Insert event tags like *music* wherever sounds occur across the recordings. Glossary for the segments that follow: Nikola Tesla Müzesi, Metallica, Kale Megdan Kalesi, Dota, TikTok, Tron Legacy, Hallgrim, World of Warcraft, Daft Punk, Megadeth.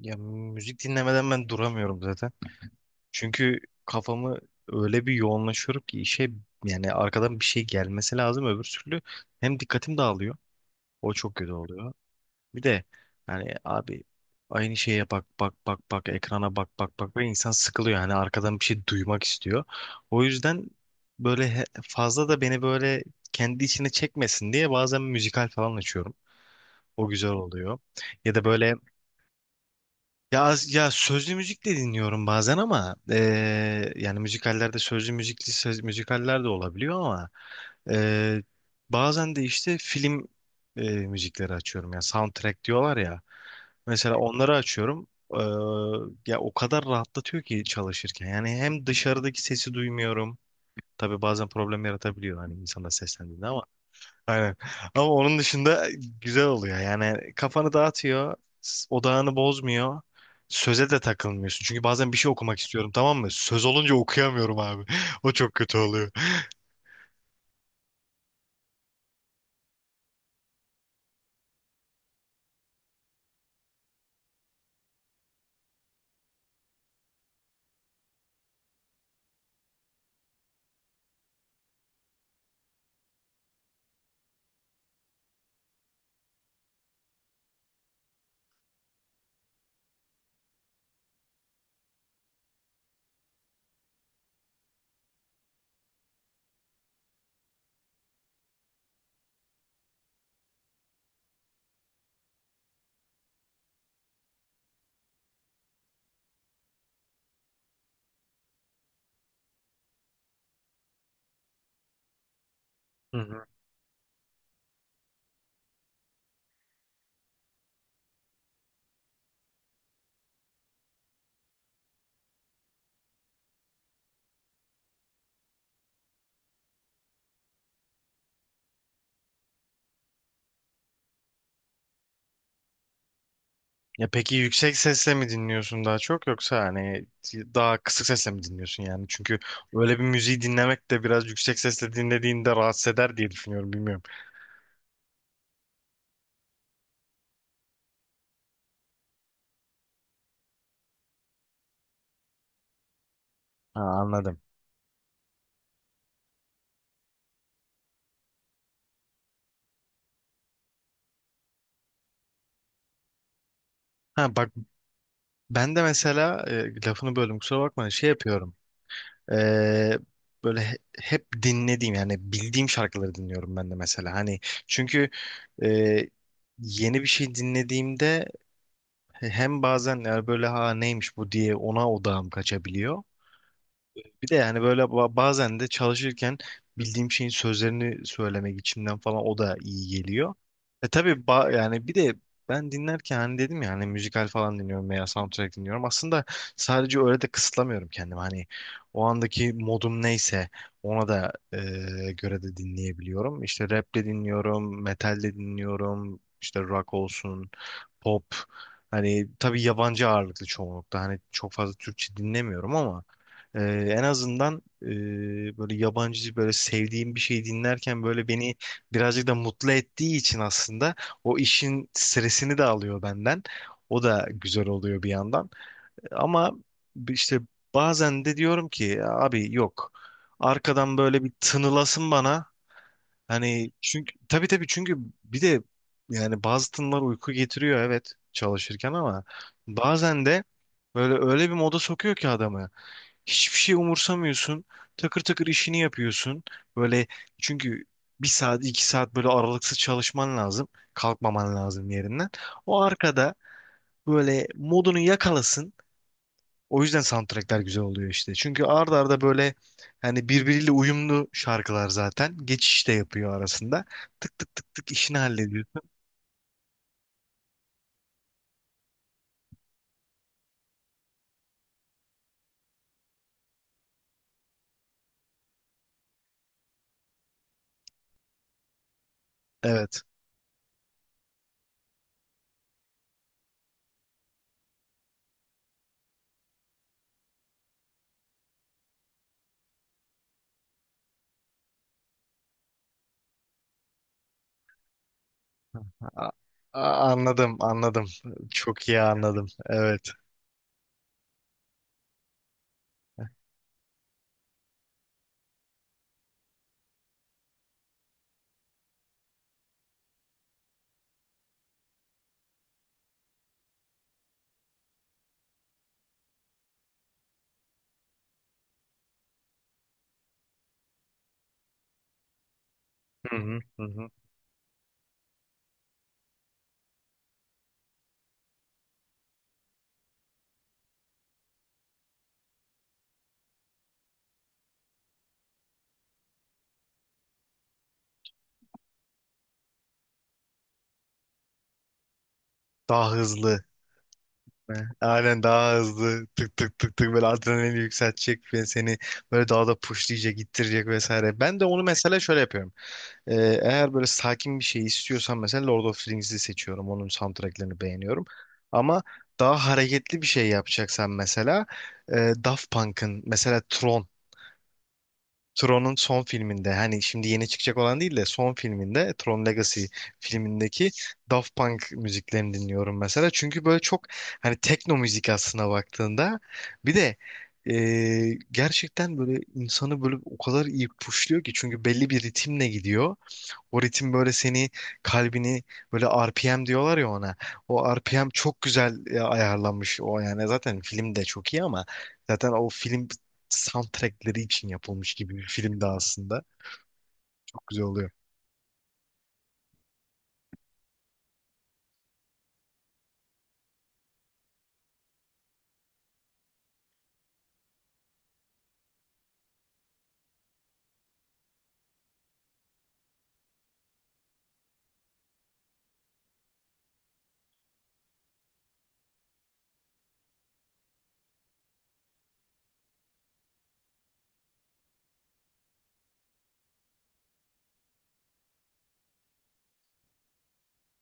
Ya müzik dinlemeden ben duramıyorum zaten. Çünkü kafamı öyle bir yoğunlaşıyorum ki işe, yani arkadan bir şey gelmesi lazım, öbür türlü hem dikkatim dağılıyor. O çok kötü oluyor. Bir de yani abi aynı şeye bak bak bak bak, ekrana bak bak bak ve insan sıkılıyor. Yani arkadan bir şey duymak istiyor. O yüzden böyle fazla da beni böyle kendi içine çekmesin diye bazen müzikal falan açıyorum. O güzel oluyor. Ya da böyle ya, ya sözlü müzik de dinliyorum bazen ama yani müzikallerde sözlü müzikli söz, müzikaller de olabiliyor ama eee, bazen de işte film müzikleri açıyorum. Yani soundtrack diyorlar ya. Mesela onları açıyorum. Eee, ya o kadar rahatlatıyor ki çalışırken. Yani hem dışarıdaki sesi duymuyorum. Tabii bazen problem yaratabiliyor hani insana seslendiğinde ama. Aynen. Ama onun dışında güzel oluyor. Yani kafanı dağıtıyor, odağını bozmuyor. Söze de takılmıyorsun. Çünkü bazen bir şey okumak istiyorum, tamam mı? Söz olunca okuyamıyorum abi. *laughs* O çok kötü oluyor. Hı hı. Ya peki yüksek sesle mi dinliyorsun daha çok, yoksa hani daha kısık sesle mi dinliyorsun yani? Çünkü öyle bir müziği dinlemek de biraz, yüksek sesle dinlediğinde rahatsız eder diye düşünüyorum, bilmiyorum. Ha, anladım. Ha bak, ben de mesela lafını böldüm kusura bakma, şey yapıyorum. Ee, böyle hep dinlediğim, yani bildiğim şarkıları dinliyorum ben de mesela. Hani çünkü e, yeni bir şey dinlediğimde hem bazen yani böyle ha neymiş bu diye ona odağım kaçabiliyor. Bir de yani böyle bazen de çalışırken bildiğim şeyin sözlerini söylemek içimden falan, o da iyi geliyor. E tabii, yani bir de ben dinlerken, hani dedim ya hani müzikal falan dinliyorum veya soundtrack dinliyorum. Aslında sadece öyle de kısıtlamıyorum kendimi. Hani o andaki modum neyse ona da göre de dinleyebiliyorum. İşte rap de dinliyorum, metal de dinliyorum, işte rock olsun, pop. Hani tabii yabancı ağırlıklı çoğunlukta. Hani çok fazla Türkçe dinlemiyorum ama ee, en azından böyle yabancı böyle sevdiğim bir şey dinlerken böyle beni birazcık da mutlu ettiği için, aslında o işin stresini de alıyor benden. O da güzel oluyor bir yandan. Ama işte bazen de diyorum ki abi yok. Arkadan böyle bir tınılasın bana. Hani çünkü tabii tabii, çünkü bir de yani bazı tınılar uyku getiriyor evet, çalışırken, ama bazen de böyle öyle bir moda sokuyor ki adamı. Hiçbir şey umursamıyorsun. Takır takır işini yapıyorsun. Böyle çünkü bir saat iki saat böyle aralıksız çalışman lazım. Kalkmaman lazım yerinden. O arkada böyle modunu yakalasın. O yüzden soundtrackler güzel oluyor işte. Çünkü arda arda böyle hani birbiriyle uyumlu şarkılar zaten. Geçiş de yapıyor arasında. Tık tık tık tık işini hallediyorsun. Evet. A- anladım, anladım. Çok iyi anladım. Evet. Heh. Hı hı hı hı. Daha hızlı. Heh, aynen, daha hızlı, tık tık tık tık, böyle adrenalini yükseltecek ve seni böyle daha da pushlayacak, ittirecek vesaire. Ben de onu mesela şöyle yapıyorum. Ee, eğer böyle sakin bir şey istiyorsam mesela Lord of the Rings'i seçiyorum. Onun soundtracklerini beğeniyorum. Ama daha hareketli bir şey yapacaksan mesela Daft Punk'ın mesela Tron. Tron'un son filminde, hani şimdi yeni çıkacak olan değil de son filminde, Tron Legacy filmindeki Daft Punk müziklerini dinliyorum mesela. Çünkü böyle çok, hani tekno müzik aslına baktığında bir de e, gerçekten böyle insanı böyle o kadar iyi puşluyor ki, çünkü belli bir ritimle gidiyor. O ritim böyle seni, kalbini, böyle RPM diyorlar ya ona. O RPM çok güzel ayarlanmış o, yani zaten film de çok iyi ama zaten o film soundtrackleri için yapılmış gibi bir film de aslında. Çok güzel oluyor.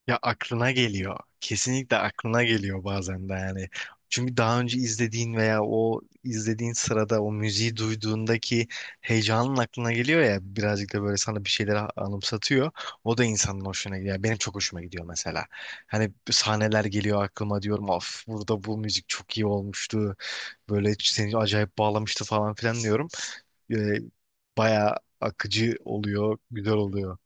Ya aklına geliyor. Kesinlikle aklına geliyor bazen de yani. Çünkü daha önce izlediğin veya o izlediğin sırada o müziği duyduğundaki heyecanın aklına geliyor ya, birazcık da böyle sana bir şeyleri anımsatıyor. O da insanın hoşuna gidiyor. Yani benim çok hoşuma gidiyor mesela. Hani sahneler geliyor aklıma, diyorum of burada bu müzik çok iyi olmuştu. Böyle seni acayip bağlamıştı falan filan diyorum. Ee, bayağı akıcı oluyor, güzel oluyor.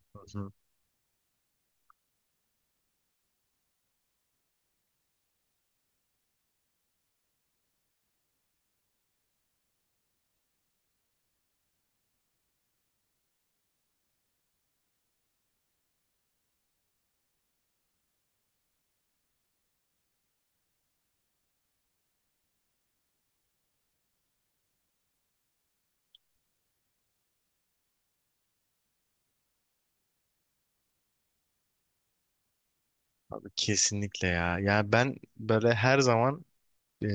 *laughs* Kesinlikle ya. Ya ben böyle her zaman e,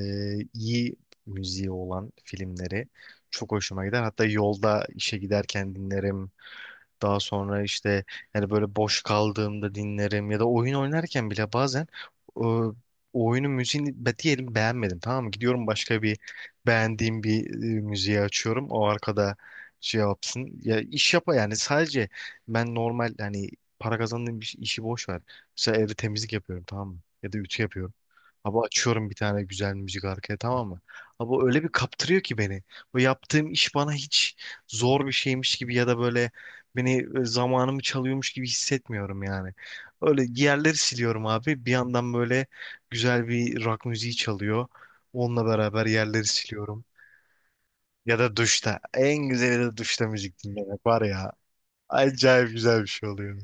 iyi müziği olan filmleri çok hoşuma gider. Hatta yolda işe giderken dinlerim. Daha sonra işte yani böyle boş kaldığımda dinlerim, ya da oyun oynarken bile bazen o oyunun müziğini diyelim beğenmedim, tamam mı? Gidiyorum başka bir beğendiğim bir müziği açıyorum. O arkada şey yapsın. Ya iş yapa yani sadece ben normal hani para kazandığım bir işi boş ver. Mesela evde temizlik yapıyorum, tamam mı? Ya da ütü yapıyorum. Abi açıyorum bir tane güzel müzik arkaya, tamam mı? Abi öyle bir kaptırıyor ki beni. Bu yaptığım iş bana hiç zor bir şeymiş gibi ya da böyle, beni zamanımı çalıyormuş gibi hissetmiyorum yani. Öyle yerleri siliyorum abi. Bir yandan böyle güzel bir rock müziği çalıyor. Onunla beraber yerleri siliyorum. Ya da duşta. En güzeli de duşta müzik dinlemek var ya. Acayip güzel bir şey oluyor.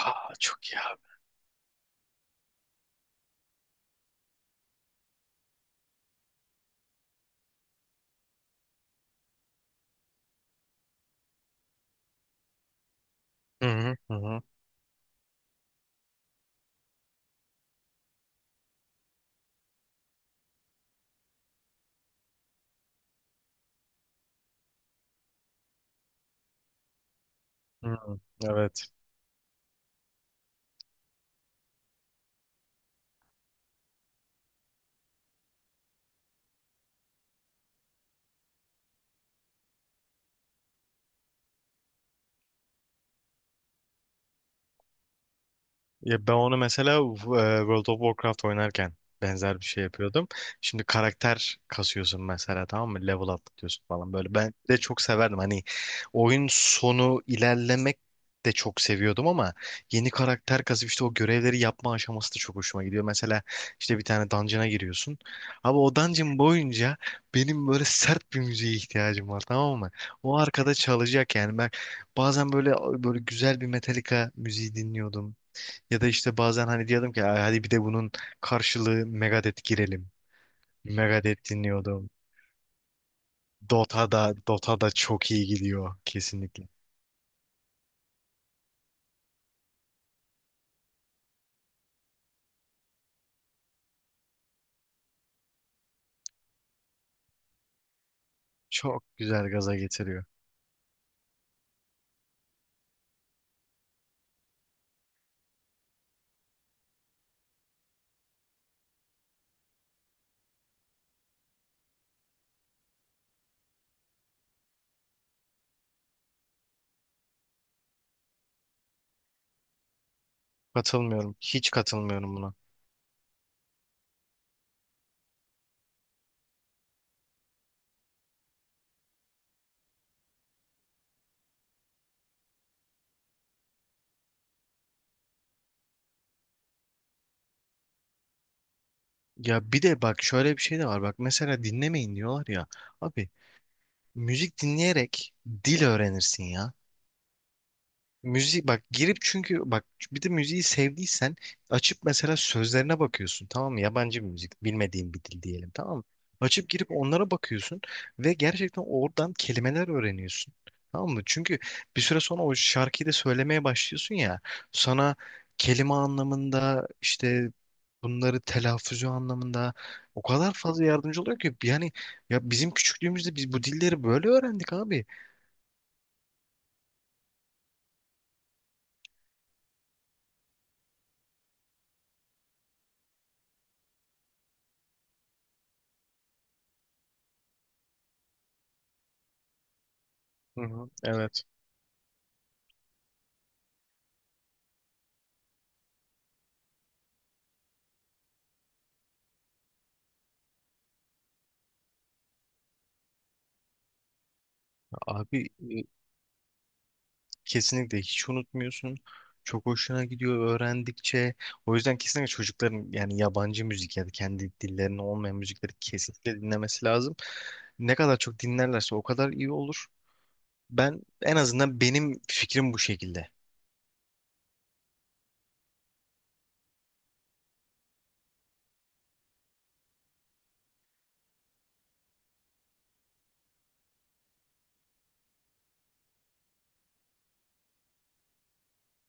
Aa çok ya. Hı hı hı hı. Hı, evet. Ya ben onu mesela World of Warcraft oynarken benzer bir şey yapıyordum. Şimdi karakter kasıyorsun mesela, tamam mı? Level atlatıyorsun falan böyle. Ben de çok severdim. Hani oyun sonu ilerlemek de çok seviyordum ama yeni karakter kasıp işte o görevleri yapma aşaması da çok hoşuma gidiyor. Mesela işte bir tane dungeon'a giriyorsun. Abi o dungeon boyunca benim böyle sert bir müziğe ihtiyacım var, tamam mı? O arkada çalacak. Yani ben bazen böyle, böyle güzel bir Metallica müziği dinliyordum. Ya da işte bazen hani diyordum ki "Ay, hadi bir de bunun karşılığı Megadeth girelim." Megadeth dinliyordum. Dota da, Dota da çok iyi gidiyor kesinlikle. Çok güzel gaza getiriyor. Katılmıyorum. Hiç katılmıyorum buna. Ya bir de bak şöyle bir şey de var. Bak mesela dinlemeyin diyorlar ya. Abi müzik dinleyerek dil öğrenirsin ya. Müzik bak girip, çünkü bak bir de müziği sevdiysen açıp mesela sözlerine bakıyorsun, tamam mı? Yabancı bir müzik, bilmediğin bir dil diyelim, tamam mı? Açıp girip onlara bakıyorsun ve gerçekten oradan kelimeler öğreniyorsun. Tamam mı? Çünkü bir süre sonra o şarkıyı da söylemeye başlıyorsun ya, sana kelime anlamında işte, bunları telaffuzu anlamında o kadar fazla yardımcı oluyor ki yani. Ya bizim küçüklüğümüzde biz bu dilleri böyle öğrendik abi. Hı hı, evet abi kesinlikle hiç unutmuyorsun. Çok hoşuna gidiyor öğrendikçe. O yüzden kesinlikle çocukların yani yabancı müzik ya da kendi dillerine olmayan müzikleri kesinlikle dinlemesi lazım. Ne kadar çok dinlerlerse o kadar iyi olur. Ben en azından, benim fikrim bu şekilde.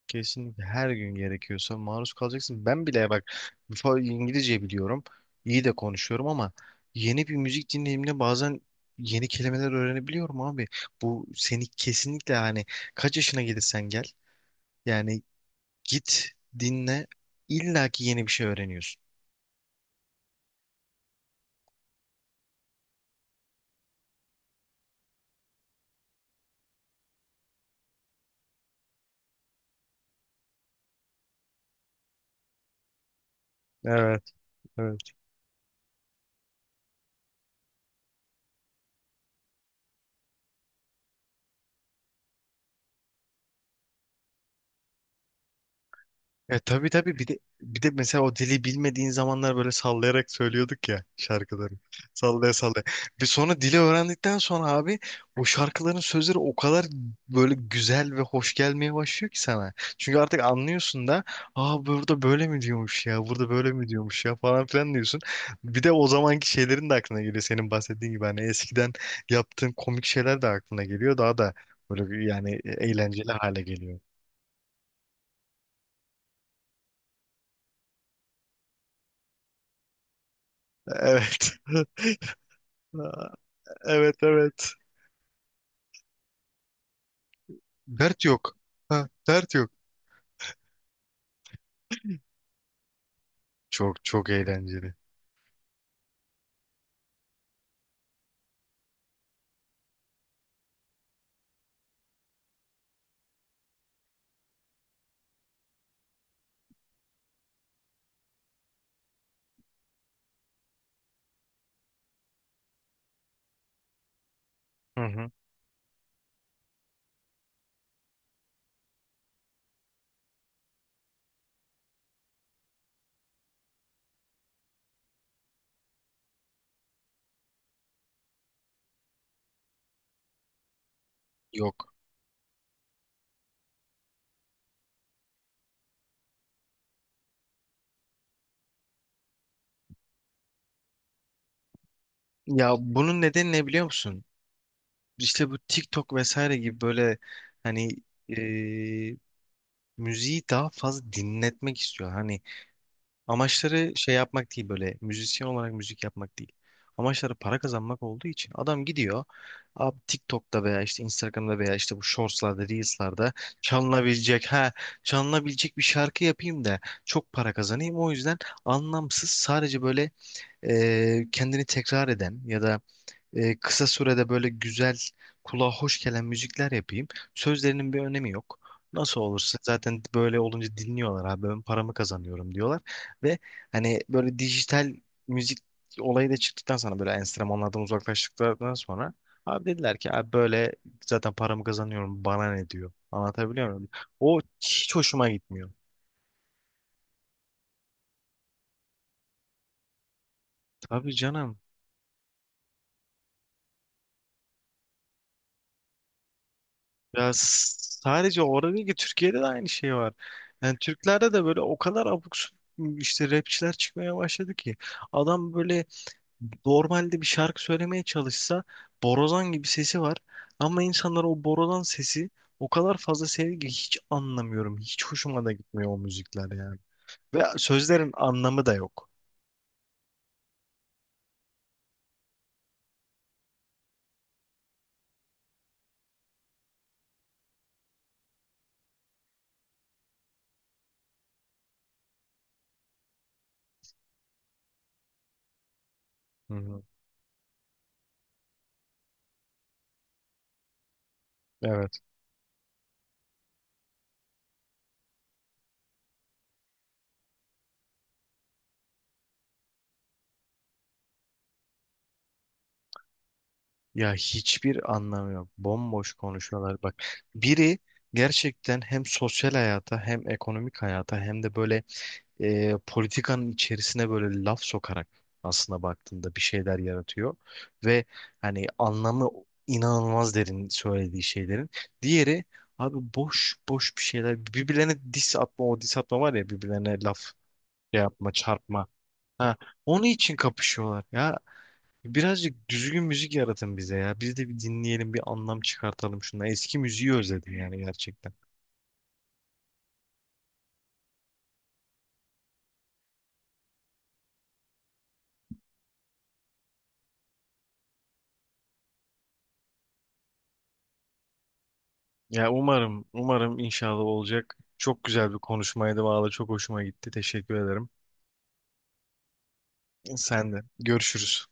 Kesinlikle her gün gerekiyorsa maruz kalacaksın. Ben bile bak, İngilizce biliyorum. İyi de konuşuyorum ama yeni bir müzik dinleyimine bazen yeni kelimeler öğrenebiliyorum abi. Bu seni kesinlikle hani kaç yaşına gelirsen gel. Yani git, dinle, illaki yeni bir şey öğreniyorsun. Evet, evet. E tabii tabii, bir de bir de mesela o dili bilmediğin zamanlar böyle sallayarak söylüyorduk ya şarkıları. *laughs* Sallaya sallaya. Bir sonra dili öğrendikten sonra abi o şarkıların sözleri o kadar böyle güzel ve hoş gelmeye başlıyor ki sana. Çünkü artık anlıyorsun da, aa burada böyle mi diyormuş ya, burada böyle mi diyormuş ya falan filan diyorsun. Bir de o zamanki şeylerin de aklına geliyor senin bahsettiğin gibi, hani eskiden yaptığın komik şeyler de aklına geliyor, daha da böyle bir yani eğlenceli hale geliyor. Evet. *laughs* Evet, evet. Dert yok. Ha, dert yok. Çok çok eğlenceli. Hı hı. Yok. Ya bunun nedeni ne biliyor musun? İşte bu TikTok vesaire gibi böyle, hani e, müziği daha fazla dinletmek istiyor. Hani amaçları şey yapmak değil, böyle müzisyen olarak müzik yapmak değil. Amaçları para kazanmak olduğu için adam gidiyor abi, TikTok'ta veya işte Instagram'da veya işte bu Shorts'larda, Reels'larda çalınabilecek ha, çalınabilecek bir şarkı yapayım da çok para kazanayım. O yüzden anlamsız, sadece böyle kendini tekrar eden ya da kısa sürede böyle güzel, kulağa hoş gelen müzikler yapayım. Sözlerinin bir önemi yok. Nasıl olursa, zaten böyle olunca dinliyorlar abi, ben paramı kazanıyorum diyorlar. Ve hani böyle dijital müzik olayı da çıktıktan sonra, böyle enstrümanlardan uzaklaştıktan sonra abi dediler ki, abi böyle zaten paramı kazanıyorum, bana ne diyor. Anlatabiliyor muyum? O hiç hoşuma gitmiyor. Tabii canım. Ya sadece orada değil ki, Türkiye'de de aynı şey var. Yani Türklerde de böyle o kadar abuk subuk işte rapçiler çıkmaya başladı ki, adam böyle normalde bir şarkı söylemeye çalışsa borazan gibi sesi var ama insanlar o borazan sesi o kadar fazla seviyor ki, hiç anlamıyorum. Hiç hoşuma da gitmiyor o müzikler yani. Ve sözlerin anlamı da yok. Hı hı. Evet. Ya hiçbir anlamı yok. Bomboş konuşuyorlar bak. Biri gerçekten hem sosyal hayata hem ekonomik hayata hem de böyle politikanın içerisine böyle laf sokarak aslında baktığında bir şeyler yaratıyor. Ve hani anlamı inanılmaz derin söylediği şeylerin. Diğeri abi boş boş bir şeyler, birbirlerine diss atma, o diss atma var ya, birbirlerine laf şey yapma, çarpma. Ha, onun için kapışıyorlar ya. Birazcık düzgün müzik yaratın bize ya. Biz de bir dinleyelim, bir anlam çıkartalım şuna. Eski müziği özledim yani gerçekten. Ya umarım, umarım, inşallah olacak. Çok güzel bir konuşmaydı valla. Çok hoşuma gitti. Teşekkür ederim. Sen de. Görüşürüz.